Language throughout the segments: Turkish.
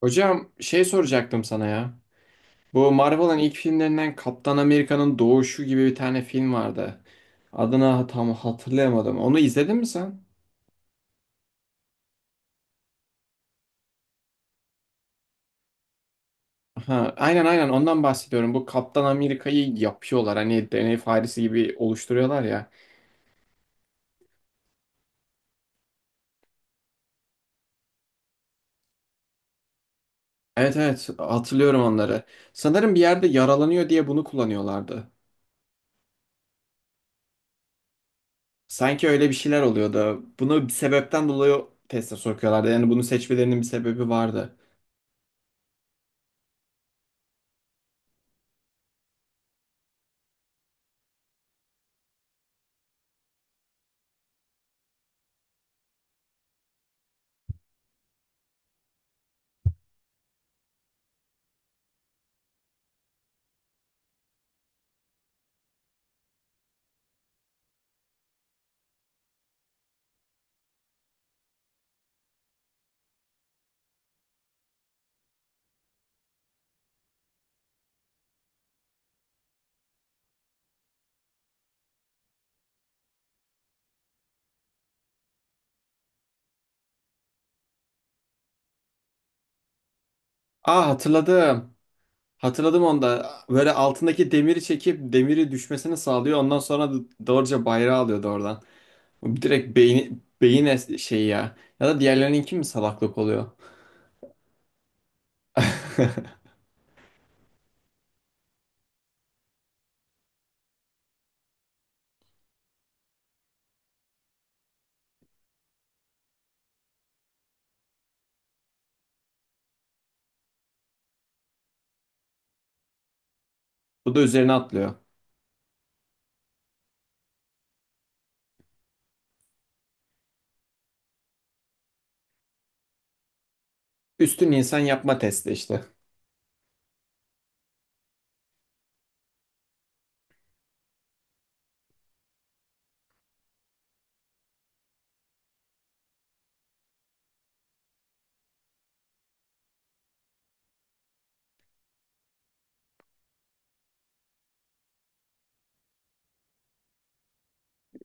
Hocam şey soracaktım sana ya. Bu Marvel'ın ilk filmlerinden Kaptan Amerika'nın Doğuşu gibi bir tane film vardı. Adını tam hatırlayamadım. Onu izledin mi sen? Ha, aynen ondan bahsediyorum. Bu Kaptan Amerika'yı yapıyorlar. Hani deney faresi gibi oluşturuyorlar ya. Evet evet, hatırlıyorum onları. Sanırım bir yerde yaralanıyor diye bunu kullanıyorlardı. Sanki öyle bir şeyler oluyordu. Bunu bir sebepten dolayı teste sokuyorlardı. Yani bunu seçmelerinin bir sebebi vardı. Aa, hatırladım. Hatırladım onda. Böyle altındaki demiri çekip demiri düşmesini sağlıyor. Ondan sonra da doğruca bayrağı alıyordu oradan. Direkt beyni, şey ya. Ya da diğerlerininki mi salaklık oluyor? Bu da üzerine atlıyor. Üstün insan yapma testi işte.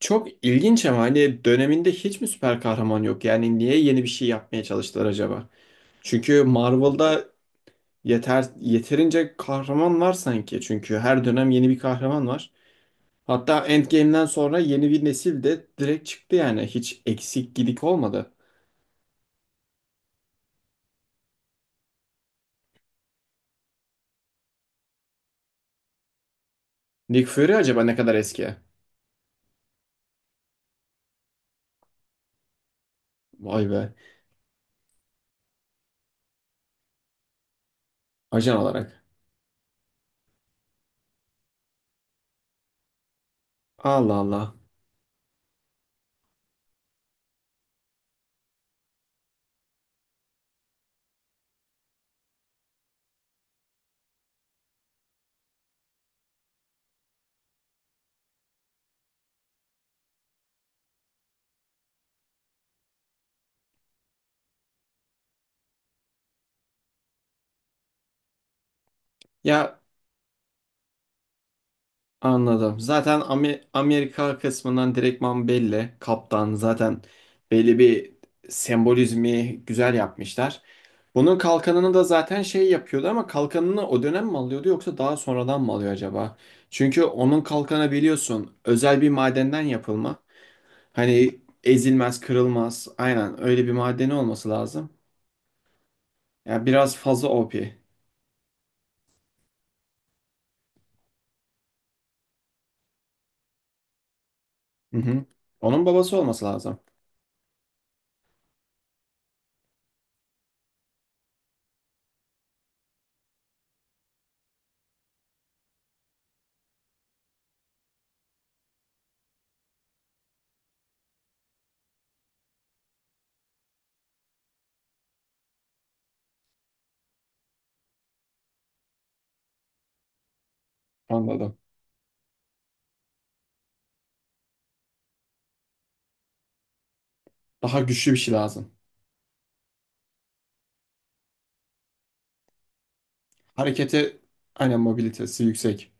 Çok ilginç ama hani döneminde hiç mi süper kahraman yok? Yani niye yeni bir şey yapmaya çalıştılar acaba? Çünkü Marvel'da yeterince kahraman var sanki. Çünkü her dönem yeni bir kahraman var. Hatta Endgame'den sonra yeni bir nesil de direkt çıktı yani. Hiç eksik gidik olmadı. Nick Fury acaba ne kadar eski? Vay be. Ajan olarak. Allah Allah. Ya anladım. Zaten Amerika kısmından direktman belli. Kaptan zaten belli bir sembolizmi güzel yapmışlar. Bunun kalkanını da zaten şey yapıyordu ama kalkanını o dönem mi alıyordu yoksa daha sonradan mı alıyor acaba? Çünkü onun kalkanı biliyorsun özel bir madenden yapılma. Hani ezilmez, kırılmaz. Aynen öyle bir madeni olması lazım. Ya biraz fazla OP. Hı hı. Onun babası olması lazım. Anladım. Daha güçlü bir şey lazım. Harekete aynen, mobilitesi yüksek.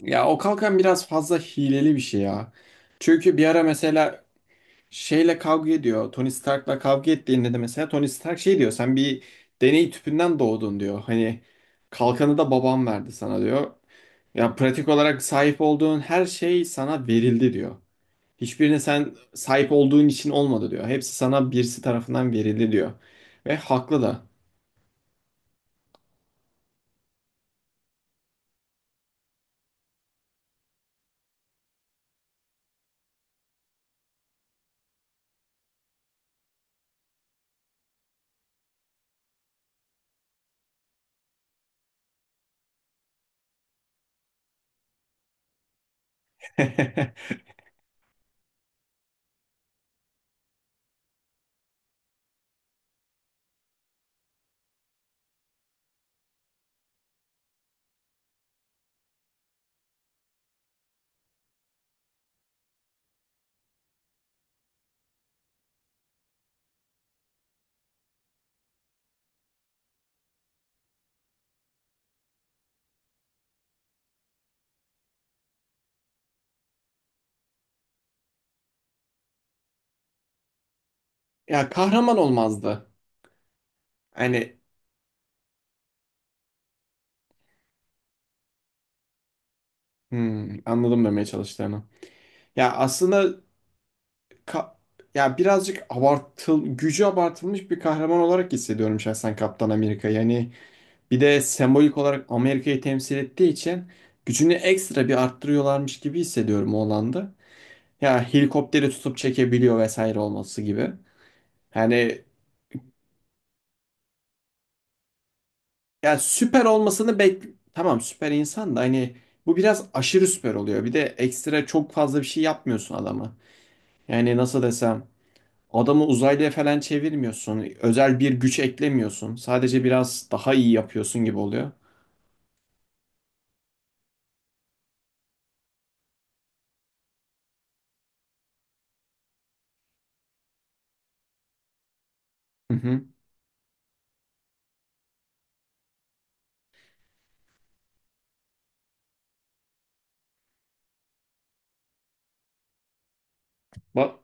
Ya o kalkan biraz fazla hileli bir şey ya. Çünkü bir ara mesela şeyle kavga ediyor. Tony Stark'la kavga ettiğinde de mesela Tony Stark şey diyor. Sen bir deney tüpünden doğdun diyor. Hani kalkanı da babam verdi sana diyor. Ya pratik olarak sahip olduğun her şey sana verildi diyor. Hiçbirine sen sahip olduğun için olmadı diyor. Hepsi sana birisi tarafından verildi diyor. Ve haklı da. Ya kahraman olmazdı. Hani hmm, anladım demeye çalıştığını. Ya aslında ka- ya birazcık gücü abartılmış bir kahraman olarak hissediyorum şahsen Kaptan Amerika. Yani bir de sembolik olarak Amerika'yı temsil ettiği için gücünü ekstra bir arttırıyorlarmış gibi hissediyorum o alanda. Ya helikopteri tutup çekebiliyor vesaire olması gibi. Yani Yani süper olmasını bek tamam, süper insan da hani bu biraz aşırı süper oluyor. Bir de ekstra çok fazla bir şey yapmıyorsun adama. Yani nasıl desem, adamı uzaylıya falan çevirmiyorsun. Özel bir güç eklemiyorsun. Sadece biraz daha iyi yapıyorsun gibi oluyor. Hı hı. Ba-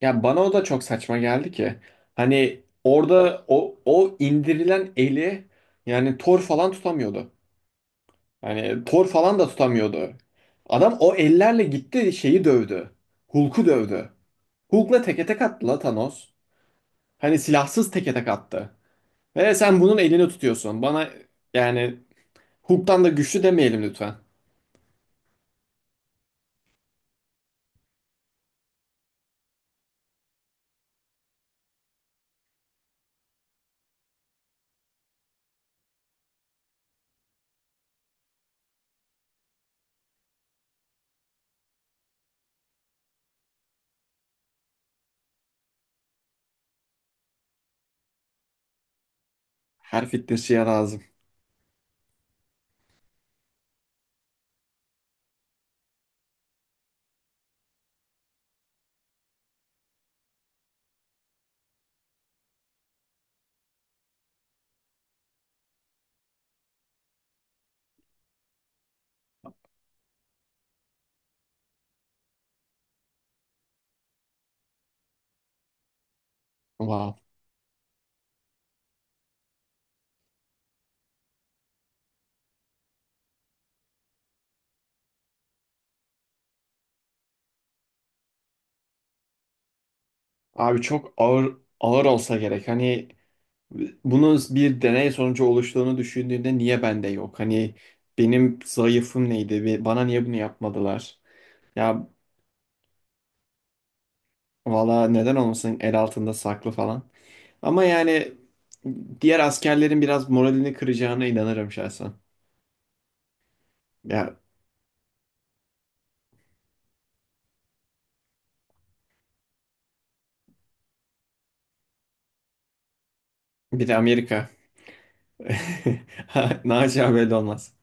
ya bana o da çok saçma geldi ki. Hani orada o indirilen eli yani Thor falan tutamıyordu. Hani Thor falan da tutamıyordu. Adam o ellerle gitti şeyi dövdü. Hulk'u dövdü. Hulk'la teke tek attı la Thanos. Hani silahsız teke tek attı. Ve sen bunun elini tutuyorsun. Bana yani Hulk'tan da güçlü demeyelim lütfen. Her fitnessçiye lazım. Wow. Abi çok ağır ağır olsa gerek. Hani bunun bir deney sonucu oluştuğunu düşündüğünde niye bende yok? Hani benim zayıfım neydi? Ve bana niye bunu yapmadılar? Ya valla neden olmasın, el altında saklı falan. Ama yani diğer askerlerin biraz moralini kıracağına inanırım şahsen. Ya bir de Amerika. Naci abi öyle olmaz.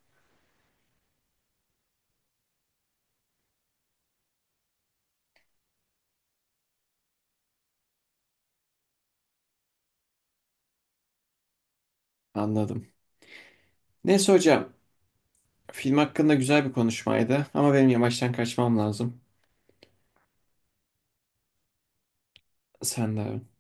Anladım. Neyse hocam. Film hakkında güzel bir konuşmaydı. Ama benim yavaştan kaçmam lazım. Sen de abi.